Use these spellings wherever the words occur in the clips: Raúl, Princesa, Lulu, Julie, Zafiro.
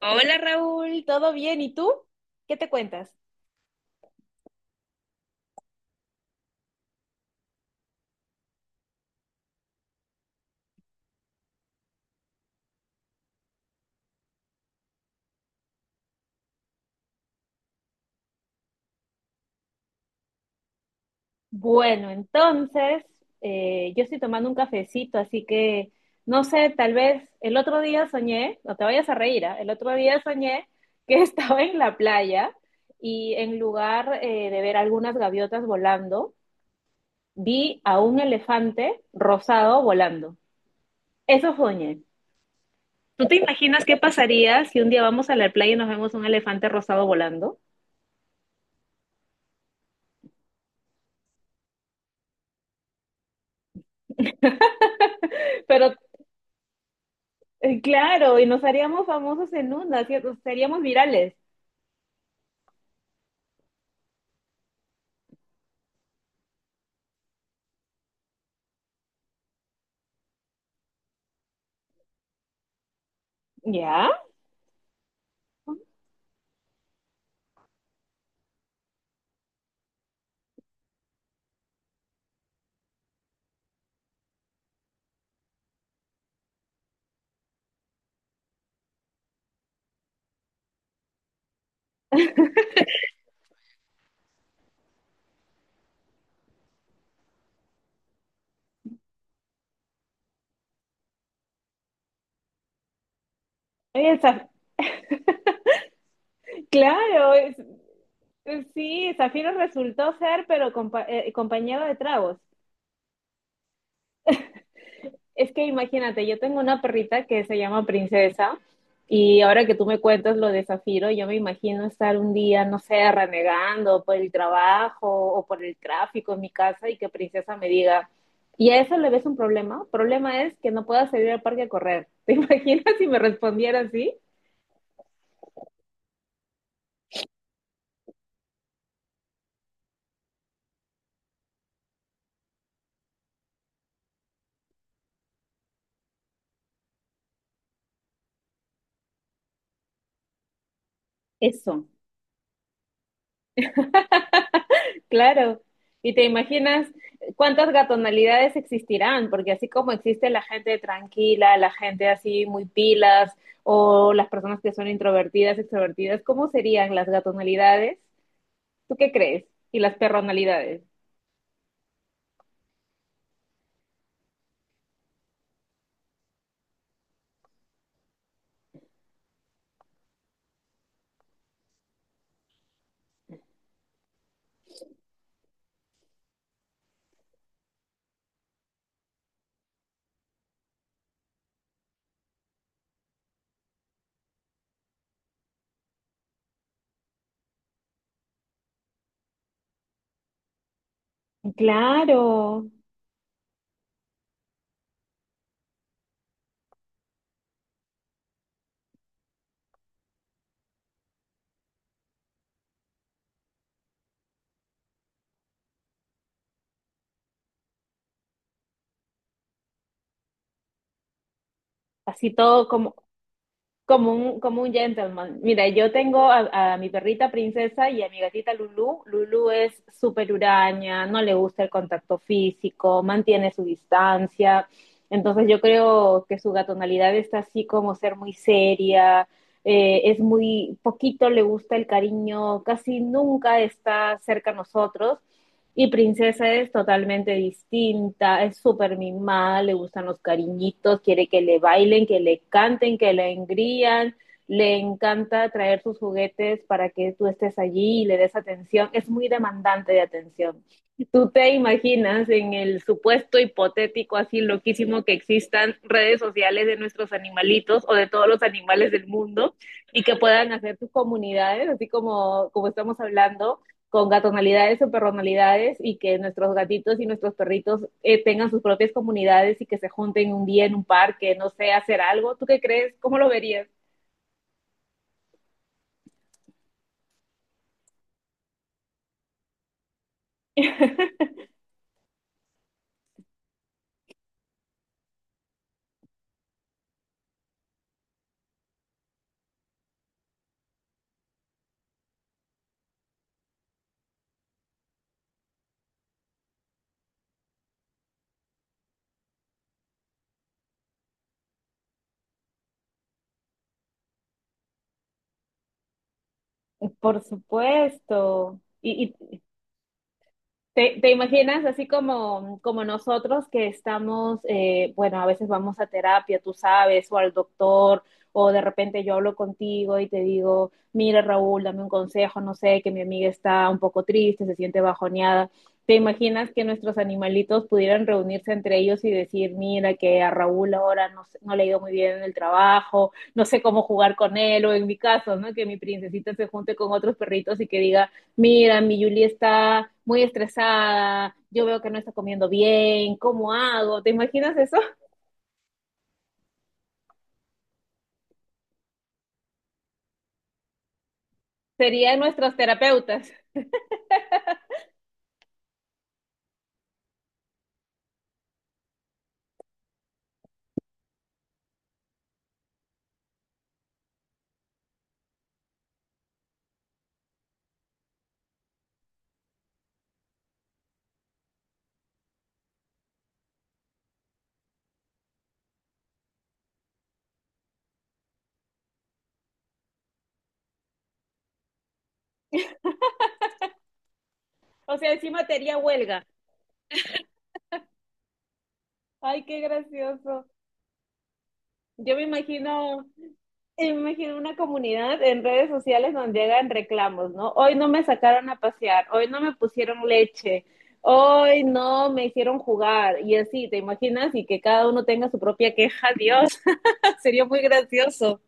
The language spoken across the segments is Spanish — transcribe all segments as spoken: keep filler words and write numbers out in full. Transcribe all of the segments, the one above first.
Hola Raúl, ¿todo bien? ¿Y tú? ¿Qué te cuentas? Bueno, entonces eh, yo estoy tomando un cafecito, así que no sé, tal vez el otro día soñé, no te vayas a reír, ¿ah? El otro día soñé que estaba en la playa y en lugar eh, de ver algunas gaviotas volando, vi a un elefante rosado volando. Eso soñé. ¿Tú te imaginas qué pasaría si un día vamos a la playa y nos vemos un elefante rosado volando? Pero Eh, claro, y nos haríamos famosos en una, ¿cierto? Seríamos virales. ¿Ya? Oye, Zaf- claro, es- eh, sí, Zafiro resultó ser, pero compa- eh, compañero de tragos. Es que imagínate, yo tengo una perrita que se llama Princesa y ahora que tú me cuentas lo de Zafiro, yo me imagino estar un día, no sé, renegando por el trabajo o por el tráfico en mi casa y que Princesa me diga, ¿y a eso le ves un problema? Problema es que no pueda salir al parque a correr. ¿Te imaginas si me respondiera así? Eso, claro. Y te imaginas cuántas gatonalidades existirán, porque así como existe la gente tranquila, la gente así muy pilas, o las personas que son introvertidas, extrovertidas, ¿cómo serían las gatonalidades? ¿Tú qué crees? Y las perronalidades. Claro, así todo como, como un, como un gentleman. Mira, yo tengo a, a mi perrita Princesa y a mi gatita Lulu. Lulu es súper huraña, no le gusta el contacto físico, mantiene su distancia. Entonces yo creo que su gatonalidad está así como ser muy seria, eh, es muy poquito le gusta el cariño, casi nunca está cerca a nosotros. Y Princesa es totalmente distinta, es súper mimada, le gustan los cariñitos, quiere que le bailen, que le canten, que le engrían, le encanta traer sus juguetes para que tú estés allí y le des atención, es muy demandante de atención. Tú te imaginas en el supuesto hipotético así loquísimo que existan redes sociales de nuestros animalitos o de todos los animales del mundo y que puedan hacer tus comunidades, así como, como estamos hablando, con gatonalidades o perronalidades y que nuestros gatitos y nuestros perritos eh, tengan sus propias comunidades y que se junten un día en un parque, no sé, hacer algo. ¿Tú qué crees? ¿Cómo lo verías? Por supuesto. Y, y ¿Te, te imaginas así como, como nosotros que estamos, eh, bueno, a veces vamos a terapia, tú sabes, o al doctor, o de repente yo hablo contigo y te digo, mira Raúl, dame un consejo, no sé, que mi amiga está un poco triste, se siente bajoneada. ¿Te imaginas que nuestros animalitos pudieran reunirse entre ellos y decir, mira, que a Raúl ahora no, sé- no le ha ido muy bien en el trabajo, no sé cómo jugar con él, o en mi caso, ¿no? Que mi princesita se junte con otros perritos y que diga, mira, mi Julie está muy estresada, yo veo que no está comiendo bien, ¿cómo hago? ¿Te imaginas eso? Serían nuestros terapeutas. O sea, encima te haría huelga. Ay, qué gracioso. Yo me imagino, me imagino una comunidad en redes sociales donde llegan reclamos, ¿no? Hoy no me sacaron a pasear, hoy no me pusieron leche, hoy no me hicieron jugar y así, ¿te imaginas? Y que cada uno tenga su propia queja, Dios, sería muy gracioso.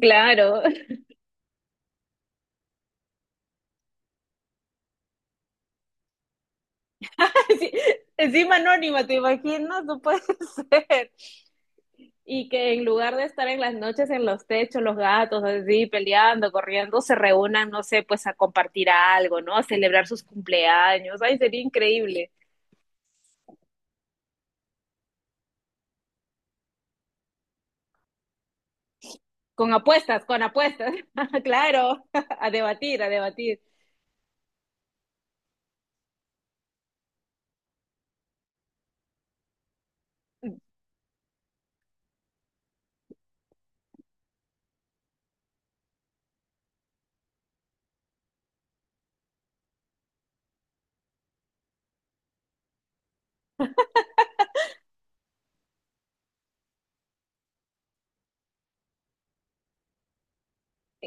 Claro, sí, encima anónima, te imaginas, no puede ser. Y que en lugar de estar en las noches en los techos, los gatos así peleando, corriendo, se reúnan, no sé, pues a compartir algo, ¿no? A celebrar sus cumpleaños. Ay, sería increíble. Con apuestas, con apuestas. Claro, a debatir, a debatir. O,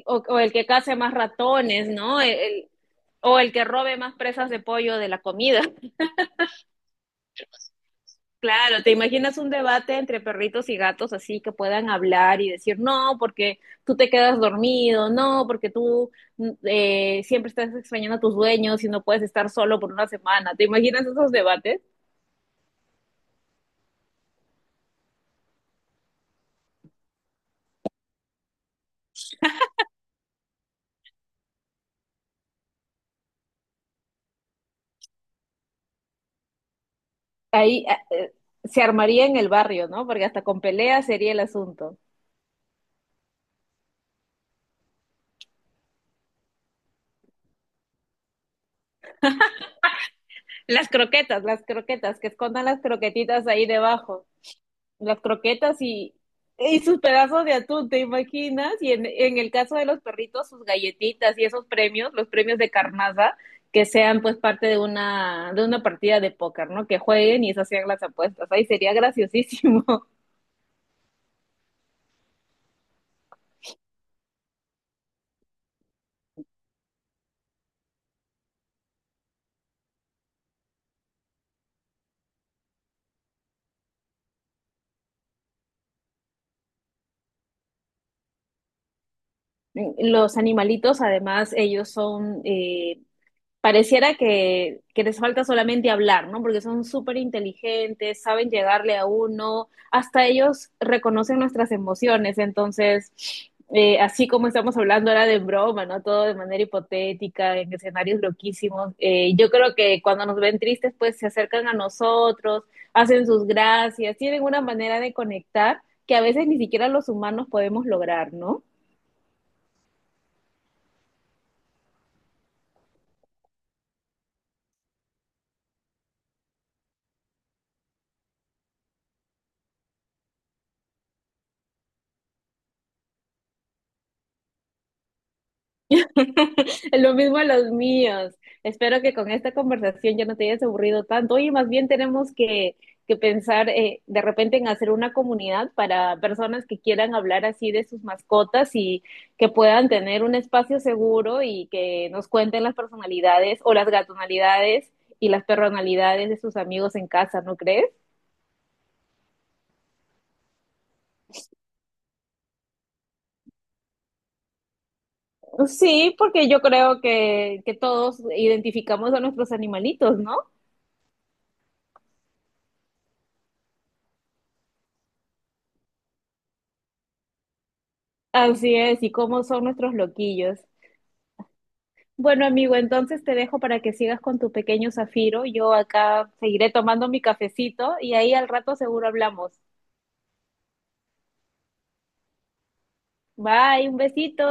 o el que case más ratones, ¿no? El- el- o el que robe más presas de pollo de la comida. Claro, te imaginas un debate entre perritos y gatos así que puedan hablar y decir, no, porque tú te quedas dormido, no, porque tú mm, eh, siempre estás extrañando a tus dueños y no puedes estar solo por una semana. ¿Te imaginas esos debates? Ahí ah, eh, se armaría en el barrio, ¿no? Porque hasta con peleas sería el asunto. Las croquetas, las croquetas, que escondan las croquetitas ahí debajo. Las croquetas y, y sus pedazos de atún, ¿te imaginas? Y en, en el caso de los perritos, sus galletitas y esos premios, los premios de carnaza, que sean pues parte de una, de una partida de póker, ¿no? Que jueguen y esas sean las apuestas. Ahí sería graciosísimo. Los animalitos, además, ellos son eh, pareciera que, que les falta solamente hablar, ¿no? Porque son súper inteligentes, saben llegarle a uno, hasta ellos reconocen nuestras emociones, entonces, eh, así como estamos hablando ahora de broma, ¿no? Todo de manera hipotética, en escenarios loquísimos, eh, yo creo que cuando nos ven tristes, pues se acercan a nosotros, hacen sus gracias, tienen una manera de conectar que a veces ni siquiera los humanos podemos lograr, ¿no? Lo mismo a los míos. Espero que con esta conversación ya no te hayas aburrido tanto. Oye, más bien tenemos que, que pensar eh, de repente en hacer una comunidad para personas que quieran hablar así de sus mascotas y que puedan tener un espacio seguro y que nos cuenten las personalidades o las gatonalidades y las personalidades de sus amigos en casa, ¿no crees? Sí, porque yo creo que, que todos identificamos a nuestros animalitos, ¿no? Así es, y cómo son nuestros loquillos. Bueno, amigo, entonces te dejo para que sigas con tu pequeño Zafiro. Yo acá seguiré tomando mi cafecito y ahí al rato seguro hablamos. Bye, un besito.